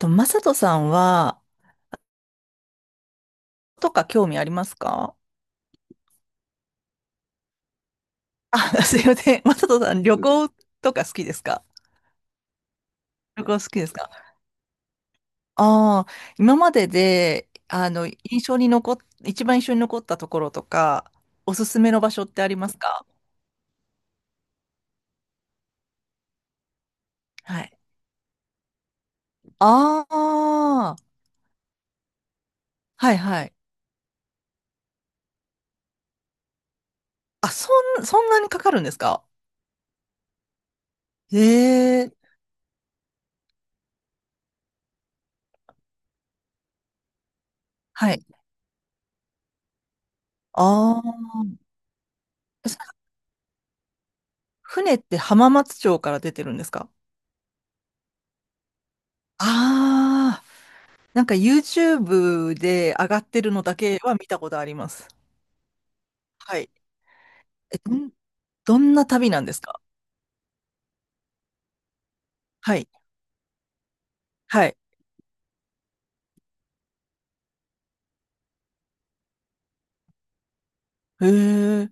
と、マサトさんは、とか興味ありますか？あ、すいません。マサトさん、旅行とか好きですか？旅行好きですか？ああー、今までで、あの、印象に残っ、一番印象に残ったところとか、おすすめの場所ってありますか？はい。ああ、はいはい。あ、そんなにかかるんですか？ええ、はい。ああ、そ船って浜松町から出てるんですか？ああー、なんか YouTube で上がってるのだけは見たことあります。はい。え、どんな旅なんですか？はい。はい。へえ。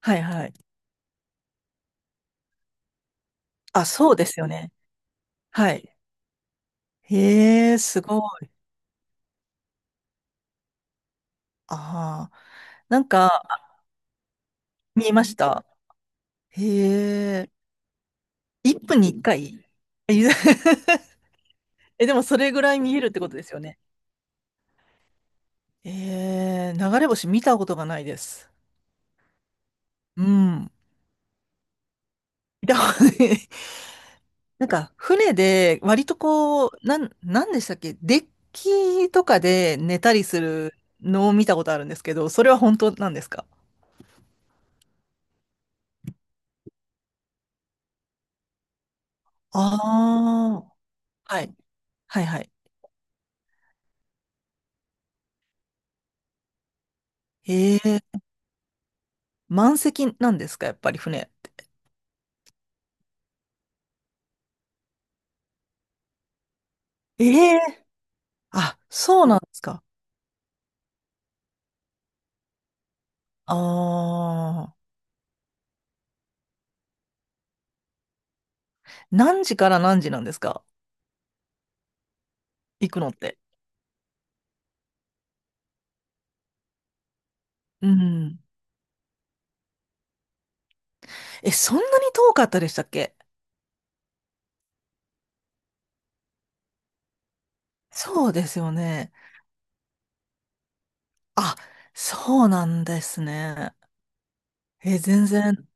はいはい。あ、そうですよね。はい。へえ、すごい。ああ。なんか、見えました。へえ。1分に1回、え、 え、でもそれぐらい見えるってことですよね。えー、流れ星見たことがないです。うん。見たことない。なんか、船で、割とこう、なんでしたっけ、デッキとかで寝たりするのを見たことあるんですけど、それは本当なんですか？ああー。はい。はいはい。ええ、満席なんですか、やっぱり船って。ええ、あ、そうなんですか。ああ。何時から何時なんですか？行くのって。うん。え、そんなに遠かったでしたっけ？そうですよね。あ、そうなんですね。え、全然。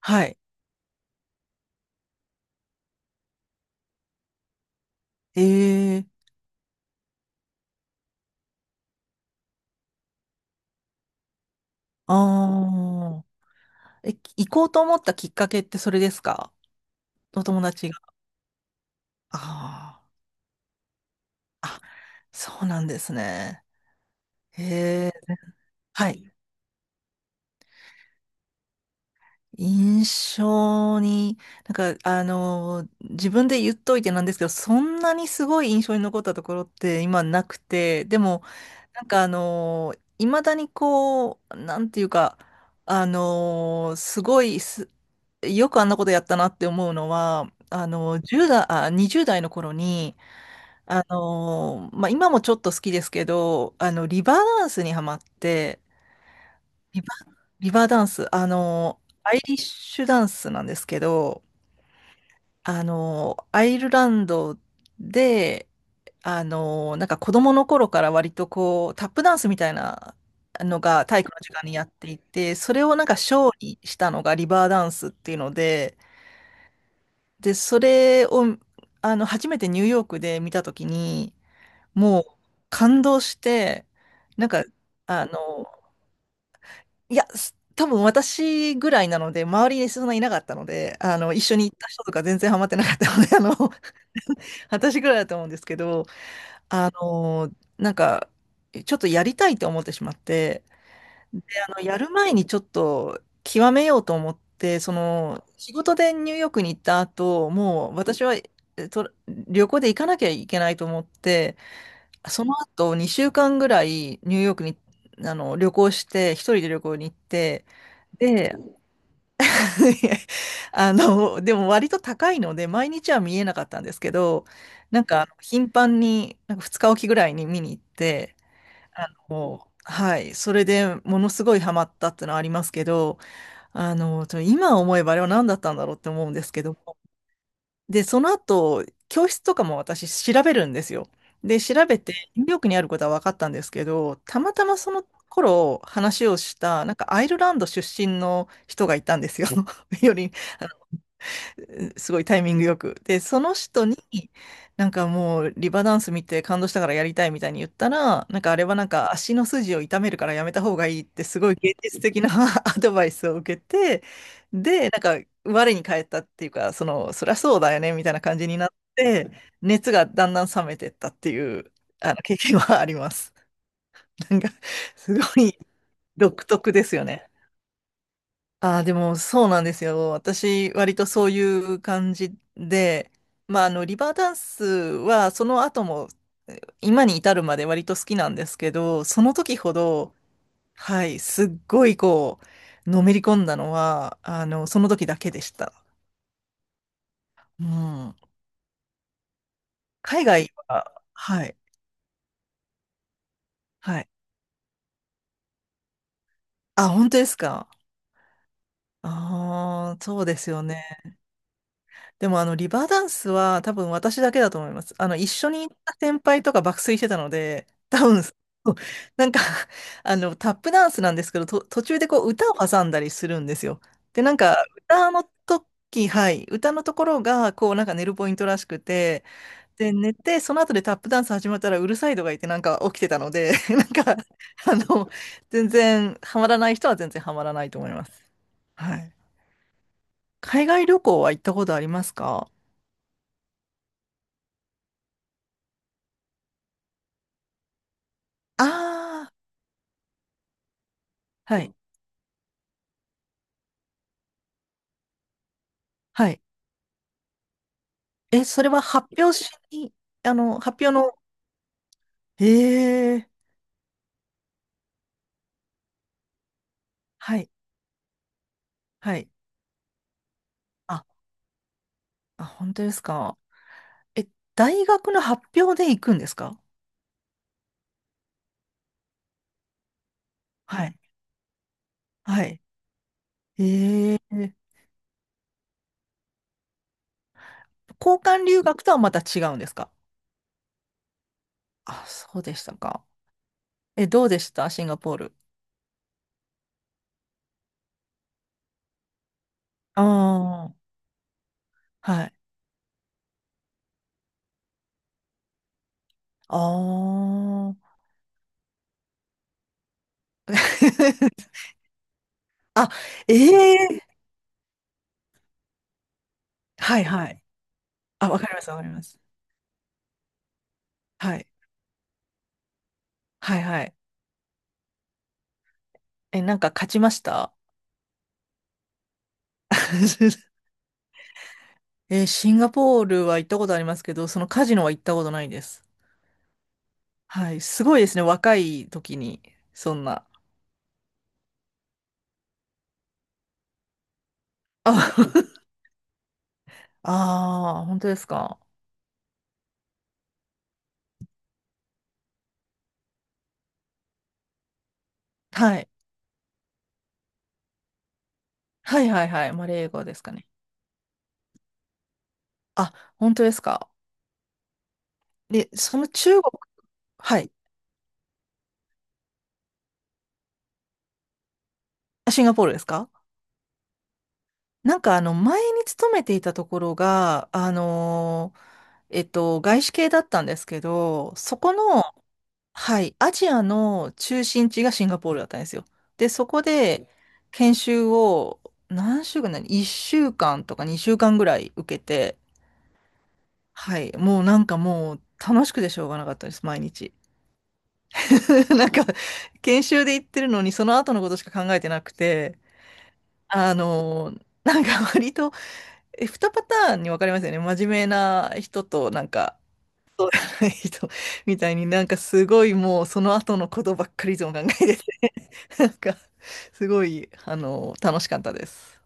はい。ええ、ああー、え、行こうと思ったきっかけってそれですか？お友達が。ああ、そうなんですね。ええ、はい。印象に、なんか、あの、自分で言っといてなんですけど、そんなにすごい印象に残ったところって今なくて、でも、なんかあのいまだにこう、なんていうか、あのすごいす、よくあんなことやったなって思うのは、あの、1代、あ、20代の頃に、あの、まあ、今もちょっと好きですけど、あの、リバーダンスにハマって、リバ、リバーダンス、あの、アイリッシュダンスなんですけど、あの、アイルランドで、あの、なんか子供の頃から割とこう、タップダンスみたいなのが体育の時間にやっていて、それをなんかショーにしたのがリバーダンスっていうので、で、それを、あの、初めてニューヨークで見たときに、もう感動して、なんか、あの、いや、多分私ぐらいなので、周りにそんないなかったので、あの、一緒に行った人とか全然ハマってなかったので、あの、私ぐらいだと思うんですけど、あの、なんか、ちょっとやりたいと思ってしまって、で、あの、やる前にちょっと極めようと思って、その、仕事でニューヨークに行った後、もう私は、旅行で行かなきゃいけないと思って、その後2週間ぐらいニューヨークに、あの、旅行して、一人で旅行に行って、で、あの、でも割と高いので、毎日は見えなかったんですけど、なんか、あの頻繁に、なんか2日おきぐらいに見に行って、あの、はい、それでものすごいハマったってのはありますけど、あの、今思えばあれは何だったんだろうって思うんですけども。で、その後、教室とかも私調べるんですよ。で、調べて、ニューヨークにあることは分かったんですけど、たまたまその頃話をした、なんかアイルランド出身の人がいたんですよ。より、すごいタイミングよく。で、その人に、なんかもうリバダンス見て感動したからやりたいみたいに言ったら、なんかあれはなんか足の筋を痛めるからやめた方がいいってすごい現実的な アドバイスを受けて、で、なんか我に返ったっていうか、その、そりゃそうだよねみたいな感じになって、熱がだんだん冷めてったっていう、あの経験はあります。なんか、すごい独特ですよね。ああ、でもそうなんですよ。私、割とそういう感じで、まあ、あの、リバーダンスは、その後も、今に至るまで割と好きなんですけど、その時ほど、はい、すっごいこう、のめり込んだのは、あの、その時だけでした。うん。海外は、はい、はい。あ、本当ですか。ああ、そうですよね。でもあのリバーダンスは多分私だけだと思います。あの一緒に行った先輩とか爆睡してたので、多分、そう、なんか あのタップダンスなんですけど、途中でこう歌を挟んだりするんですよ。で、なんか歌の時、はい、歌のところがこうなんか寝るポイントらしくて、で、寝て、その後でタップダンス始まったらうるさいとか言ってなんか起きてたので、なんかあの、全然ハマらない人は全然ハマらないと思います。はい。海外旅行は行ったことありますか？ああ、はい、はい。え、それは発表しに、あの、発表の、ええ、はい、はい。あ、あ、本当ですか。え、大学の発表で行くんですか？はい、はい。ええ、交換留学とはまた違うんですか？あ、そうでしたか。え、どうでしたシンガポール。ああ、はい。ああ。あ、ええ、はい、はい。あ、わかります、わかります。はい、はい、はい。え、なんか勝ちました？ え、シンガポールは行ったことありますけど、そのカジノは行ったことないです。はい、すごいですね。若い時に、そんな。あ、あー、本当ですか。はい。はいはいはい。マレー語ですかね。あ、本当ですか。で、その中国、はい。あ、シンガポールですか？なんかあの、前に勤めていたところが、外資系だったんですけど、そこの、はい、アジアの中心地がシンガポールだったんですよ。で、そこで研修を何週間な1週間とか2週間ぐらい受けて、はい、もうなんかもう楽しくてしょうがなかったです、毎日。なんか研修で行ってるのにその後のことしか考えてなくて、あのなんか割と、え、2パターンに分かりますよね。真面目な人となんか 人みたいになんかすごいもうその後のことばっかりいつも考えて なんか、すごい、あの、楽しかったです。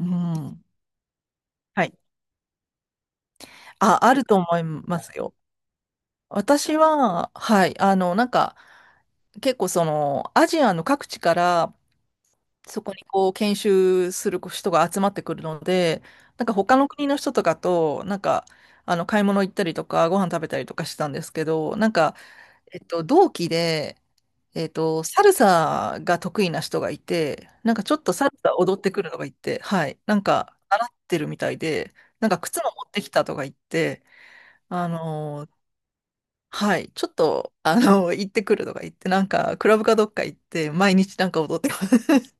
うん。はい。あ、あると思いますよ。私は、はい、あの、なんか、結構その、アジアの各地から、そこにこう、研修する人が集まってくるので、なんか他の国の人とかと、なんか、あの、買い物行ったりとか、ご飯食べたりとかしたんですけど、なんか、同期で、サルサが得意な人がいて、なんかちょっとサルサ踊ってくるのがいて、はい、なんか習ってるみたいで、なんか靴も持ってきたとか言って、あのーはい、ちょっと、あのー行ってくるとか言って、なんかクラブかどっか行って、毎日なんか踊ってます。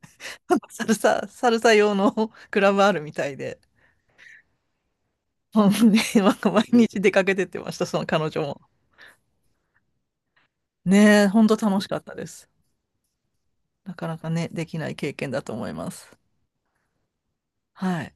サルサ、サルサ用の クラブあるみたいで、本当になんか毎日出かけてってました、その彼女も。ねえ、本当楽しかったです。なかなかね、できない経験だと思います。はい。